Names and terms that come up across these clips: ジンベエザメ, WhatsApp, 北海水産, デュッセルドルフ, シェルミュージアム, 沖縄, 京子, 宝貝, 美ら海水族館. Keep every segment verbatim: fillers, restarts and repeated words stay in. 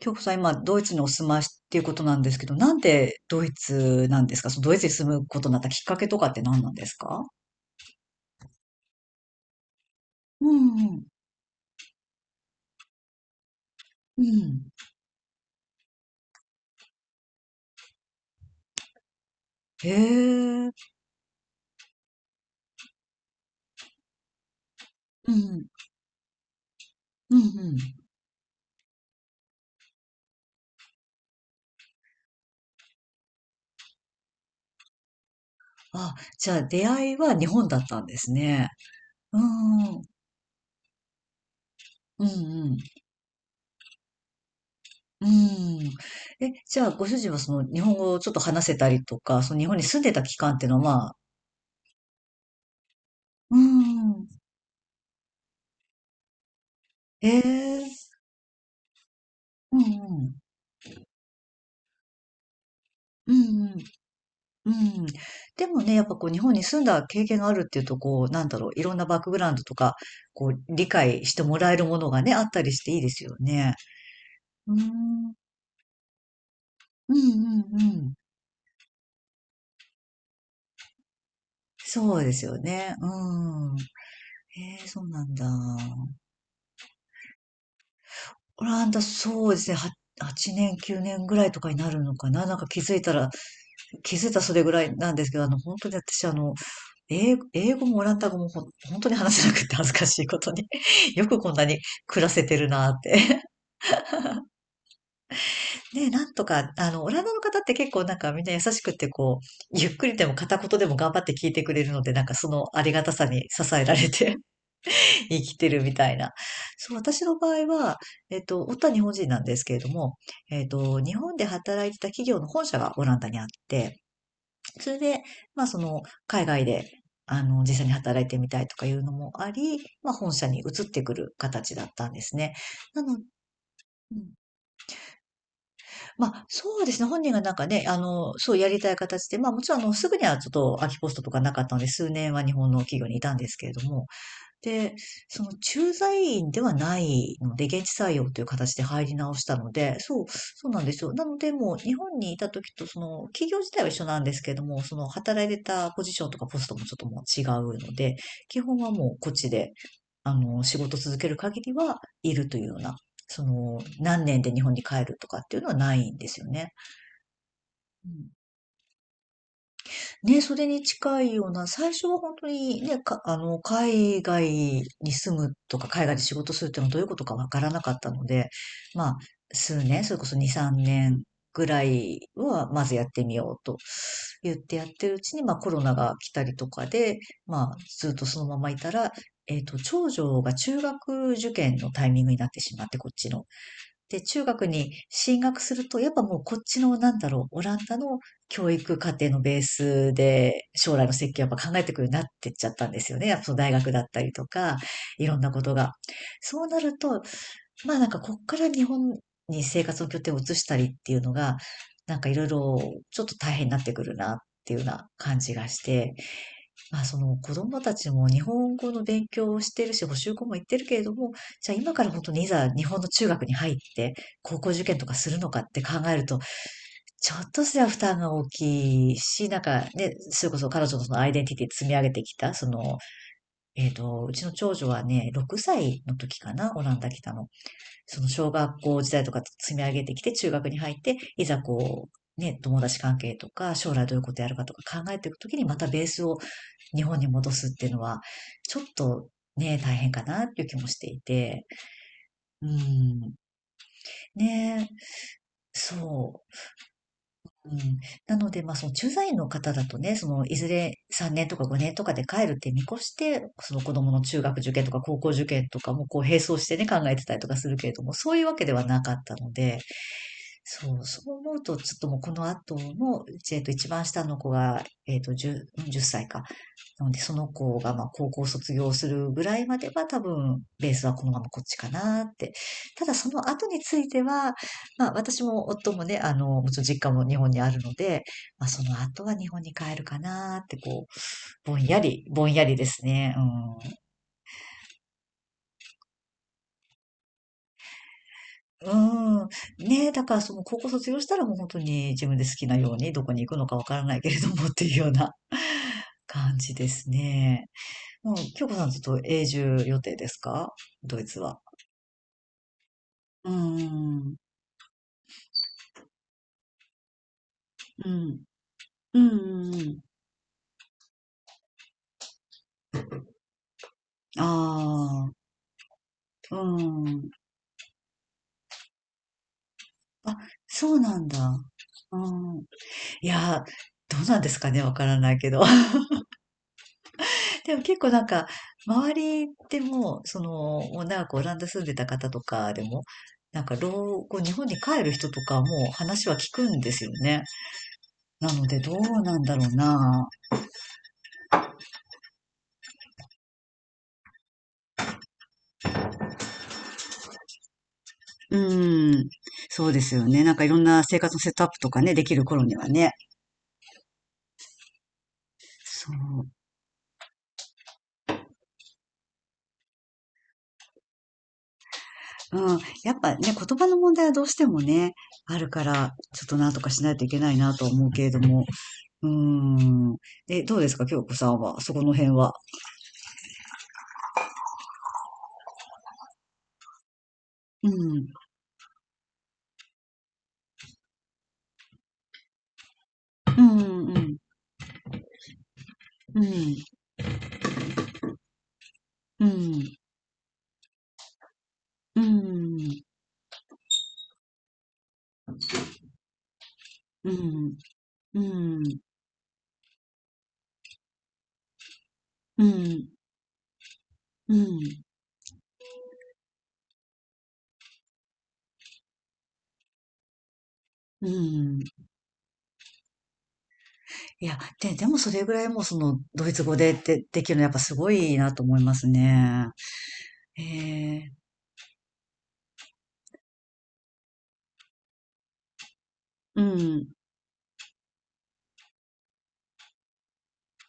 京子さん、今、ドイツにお住まいっていうことなんですけど、なんでドイツなんですか？そのドイツに住むことになったきっかけとかって何なんですか？うんうん。うん。へえ。うん。うんうん。あ、じゃあ出会いは日本だったんですね。うん。うんうん。うん。え、じゃあご主人はその日本語をちょっと話せたりとか、その日本に住んでた期間っていうのは、まあ、うん。へえ。うんうん。うんうん。うん。でもね、やっぱこう日本に住んだ経験があるっていうと、こう、なんだろう、いろんなバックグラウンドとか、こう、理解してもらえるものがね、あったりしていいですよね。うーん。うんうんうん。そうですよね。うん。へえ、そうなんだ。オランダ、そうですね。ははちねん、きゅうねんぐらいとかになるのかな。なんか気づいたら、気づいたらそれぐらいなんですけど、あの、本当に私、あの、英語、英語もオランダ語もほん、本当に話せなくて恥ずかしいことに よくこんなに暮らせてるなって。ね、なんとか、あの、オランダの方って結構なんかみんな優しくて、こう、ゆっくりでも片言でも頑張って聞いてくれるので、なんかそのありがたさに支えられて 生きてるみたいな。そう、私の場合は、えっと、夫は日本人なんですけれども、えっと、日本で働いてた企業の本社がオランダにあって、それで、まあその、海外で、あの、実際に働いてみたいとかいうのもあり、まあ本社に移ってくる形だったんですね。なの、うん、まあ、そうですね。本人がなんかね、あの、そうやりたい形で、ま、もちろんあの、すぐにはちょっと空きポストとかなかったので、数年は日本の企業にいたんですけれども、で、その駐在員ではないので、現地採用という形で入り直したので、そう、そうなんですよ。なので、もう日本にいた時と、その企業自体は一緒なんですけども、その働いてたポジションとかポストもちょっともう違うので、基本はもうこっちで、あの、仕事続ける限りはいるというような、その、何年で日本に帰るとかっていうのはないんですよね。うん、ね、それに近いような、最初は本当にね、か、あの、海外に住むとか、海外で仕事するっていうのはどういうことかわからなかったので、まあ、数年、それこそに、さんねんぐらいは、まずやってみようと言ってやってるうちに、まあ、コロナが来たりとかで、まあ、ずっとそのままいたら、えっと、長女が中学受験のタイミングになってしまって、こっちの。で、中学に進学すると、やっぱもうこっちの、なんだろう、オランダの教育課程のベースで、将来の設計をやっぱ考えてくるようになってっちゃったんですよね。やっぱその大学だったりとか、いろんなことが。そうなると、まあなんかこっから日本に生活の拠点を移したりっていうのが、なんかいろいろちょっと大変になってくるなっていうような感じがして、まあ、その子供たちも日本語の勉強をしてるし、補習校も行ってるけれども、じゃあ今から本当にいざ日本の中学に入って高校受験とかするのかって考えると、ちょっとすら負担が大きいし、なんかね、それこそ彼女のそのアイデンティティ積み上げてきた、その、えっと、うちの長女はね、ろくさいの時かな、オランダ来たの。その小学校時代とか積み上げてきて、中学に入って、いざこう、ね、友達関係とか、将来どういうことやるかとか考えていくときに、またベースを日本に戻すっていうのは、ちょっとね、大変かなっていう気もしていて、うん、ね、そう。うん、なので、まあ、その駐在員の方だとね、その、いずれさんねんとかごねんとかで帰るって見越して、その子供の中学受験とか高校受験とかもこう並走してね、考えてたりとかするけれども、そういうわけではなかったので、そう、そう思うと、ちょっともうこの後の、えっと、一番下の子が、えっと、じゅう、じっさいか。なので、その子が、まあ、高校卒業するぐらいまでは、多分、ベースはこのままこっちかなって。ただ、その後については、まあ、私も夫もね、あの、もちろん実家も日本にあるので、まあ、その後は日本に帰るかなって、こう、ぼんやり、ぼんやりですね。うん。うん。ね、だからその高校卒業したらもう本当に自分で好きなようにどこに行くのかわからないけれどもっていうような 感じですね。もう、京子さんずっと永住予定ですか？ドイツは。うん。うん。うん。うん、ああ、うん。あ、そうなんだ。うん。いやー、どうなんですかね、わからないけど。でも結構なんか、周りでも、その、もう長くオランダ住んでた方とかでも、なんか老後、日本に帰る人とかも話は聞くんですよね。なので、どうなんだろうな。うん。そうですよね。なんかいろんな生活のセットアップとかね、できる頃にはね。そう。うん。やっぱね、言葉の問題はどうしてもね、あるから、ちょっとなんとかしないといけないなとは思うけれども。うん。え、どうですか、京子さんは、そこの辺は。うん。うん、うん。うん、うん、うん、うん、うん、うん、うん、うん。いや、で、でもそれぐらいもうそのドイツ語でで、できるのやっぱすごいなと思いますね。へえ、うん、うん。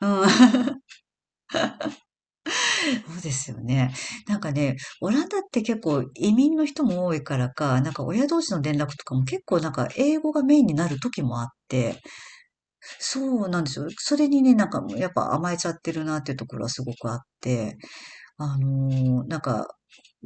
そうですよね。なんかね、オランダって結構移民の人も多いからか、なんか親同士の連絡とかも結構なんか英語がメインになる時もあって、そうなんですよ。それにね、なんかもうやっぱ甘えちゃってるなっていうところはすごくあって、あのーなんか、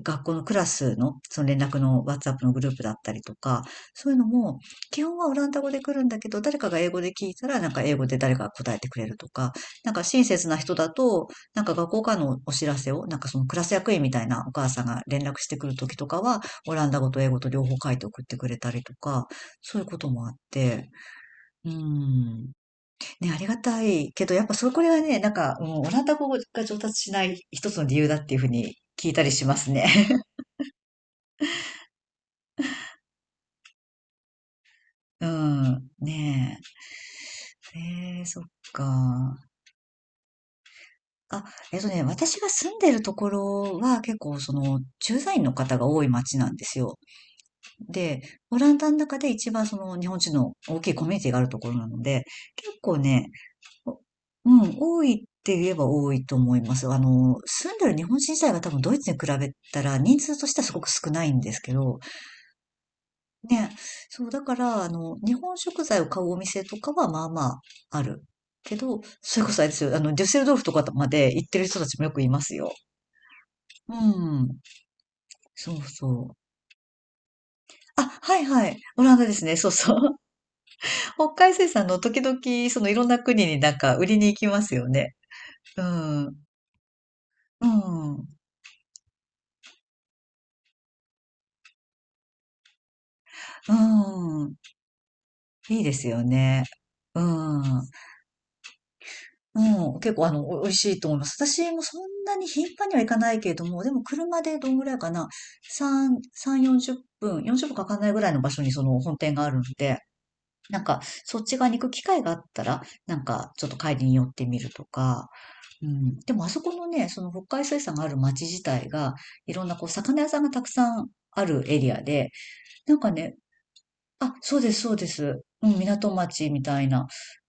学校のクラスの、その連絡の WhatsApp のグループだったりとか、そういうのも、基本はオランダ語で来るんだけど、誰かが英語で聞いたら、なんか英語で誰かが答えてくれるとか、なんか親切な人だと、なんか学校からのお知らせを、なんかそのクラス役員みたいなお母さんが連絡してくる時とかは、オランダ語と英語と両方書いて送ってくれたりとか、そういうこともあって、うん。ね、ありがたいけど、やっぱそこれはね、なんか、うん、オランダ語が上達しない一つの理由だっていうふうに聞いたりしますね。うん。ねえ。えー、そっか。あ、えっとね、私が住んでるところは結構その駐在員の方が多い町なんですよ。で、オランダの中で一番その日本人の大きいコミュニティがあるところなので、結構ね、おうん、多いって言えば多いと思います。あの、住んでる日本人自体が多分ドイツに比べたら人数としてはすごく少ないんですけど、ね。そう、だから、あの、日本食材を買うお店とかはまあまあある。けど、それこそあれですよ、あの、デュッセルドルフとかまで行ってる人たちもよくいますよ。うん、そうそう。あ、はいはい。オランダですね。そうそう。北海水産の時々、そのいろんな国になんか売りに行きますよね。うん。うん。うん。いいですよね。うん。うん。結構、あの、お美味しいと思います。私もそんなに頻繁にはいかないけれども、でも車でどんぐらいかな。さん、さん、よんじゅっぷん、よんじゅっぷんかかんないぐらいの場所にその本店があるので、なんか、そっち側に行く機会があったら、なんか、ちょっと帰りに寄ってみるとか。うん。でも、あそこのね、その北海水産がある町自体が、いろんなこう、魚屋さんがたくさんあるエリアで、なんかね、あ、そうです、そうです。うん、港町みたいな。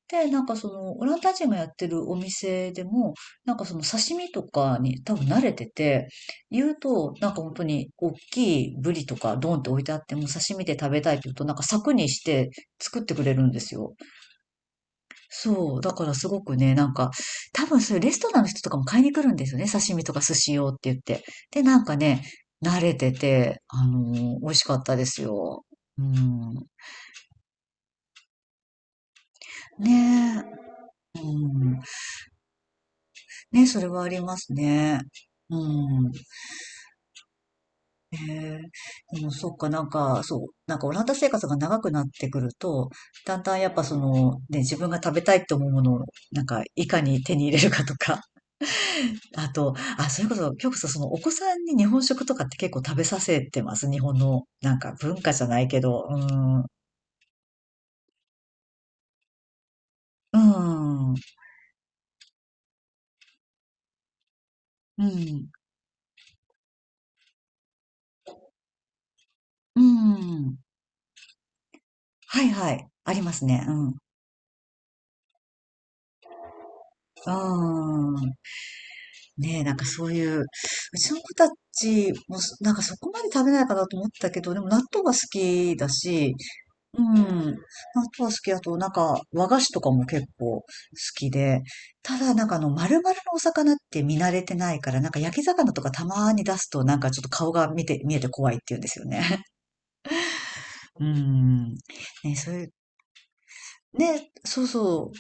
で、なんかその、オランダ人がやってるお店でも、なんかその刺身とかに多分慣れてて、言うと、なんか本当に大きいブリとかドンって置いてあっても刺身で食べたいって言うと、なんか柵にして作ってくれるんですよ。そう。だからすごくね、なんか、多分そういうレストランの人とかも買いに来るんですよね。刺身とか寿司用って言って。で、なんかね、慣れてて、あのー美味しかったですよ。うん。ねえ。うん。ね、それはありますね。うん。へえ。でも、そっか、なんか、そう、なんかオランダ生活が長くなってくると、だんだんやっぱその、ね、自分が食べたいと思うものを、なんか、いかに手に入れるかとか、あと、あ、それこそ、今日こそその、お子さんに日本食とかって結構食べさせてます？日本の、なんか、文化じゃないけど、うん、うん、うん、うん。はいはい。ありますね。うん。うん。ねえ、なんかそういう、うちの子たちもそ、なんかそこまで食べないかなと思ったけど、でも納豆が好きだし、うん、納豆は好きだと、なんか和菓子とかも結構好きで、ただなんかあの丸々のお魚って見慣れてないから、なんか焼き魚とかたまに出すとなんかちょっと顔が見て、見えて怖いって言うんですよね。うん。ね、そういうね、そうそ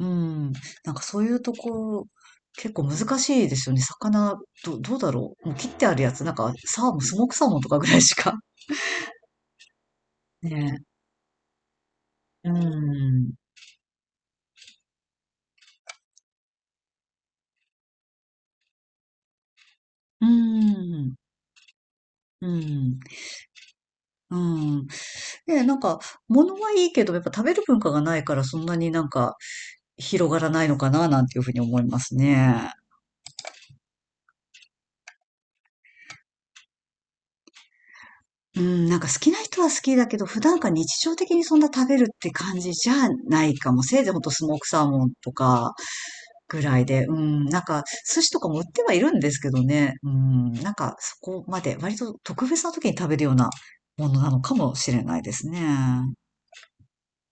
う。うん。なんかそういうとこ、結構難しいですよね。魚、ど、どうだろう。もう切ってあるやつ、なんか、サーモン、スモークサーモンとかぐらいしか。ね。うん。うん。うん。うん。ね、なんか、物はいいけど、やっぱ食べる文化がないから、そんなになんか、広がらないのかな、なんていうふうに思いますね。うん、なんか好きな人は好きだけど、普段から日常的にそんな食べるって感じじゃないかも。せいぜいほんとスモークサーモンとか、ぐらいで、うん、なんか、寿司とかも売ってはいるんですけどね、うん、なんか、そこまで、割と特別な時に食べるようなものなのかもしれないですね。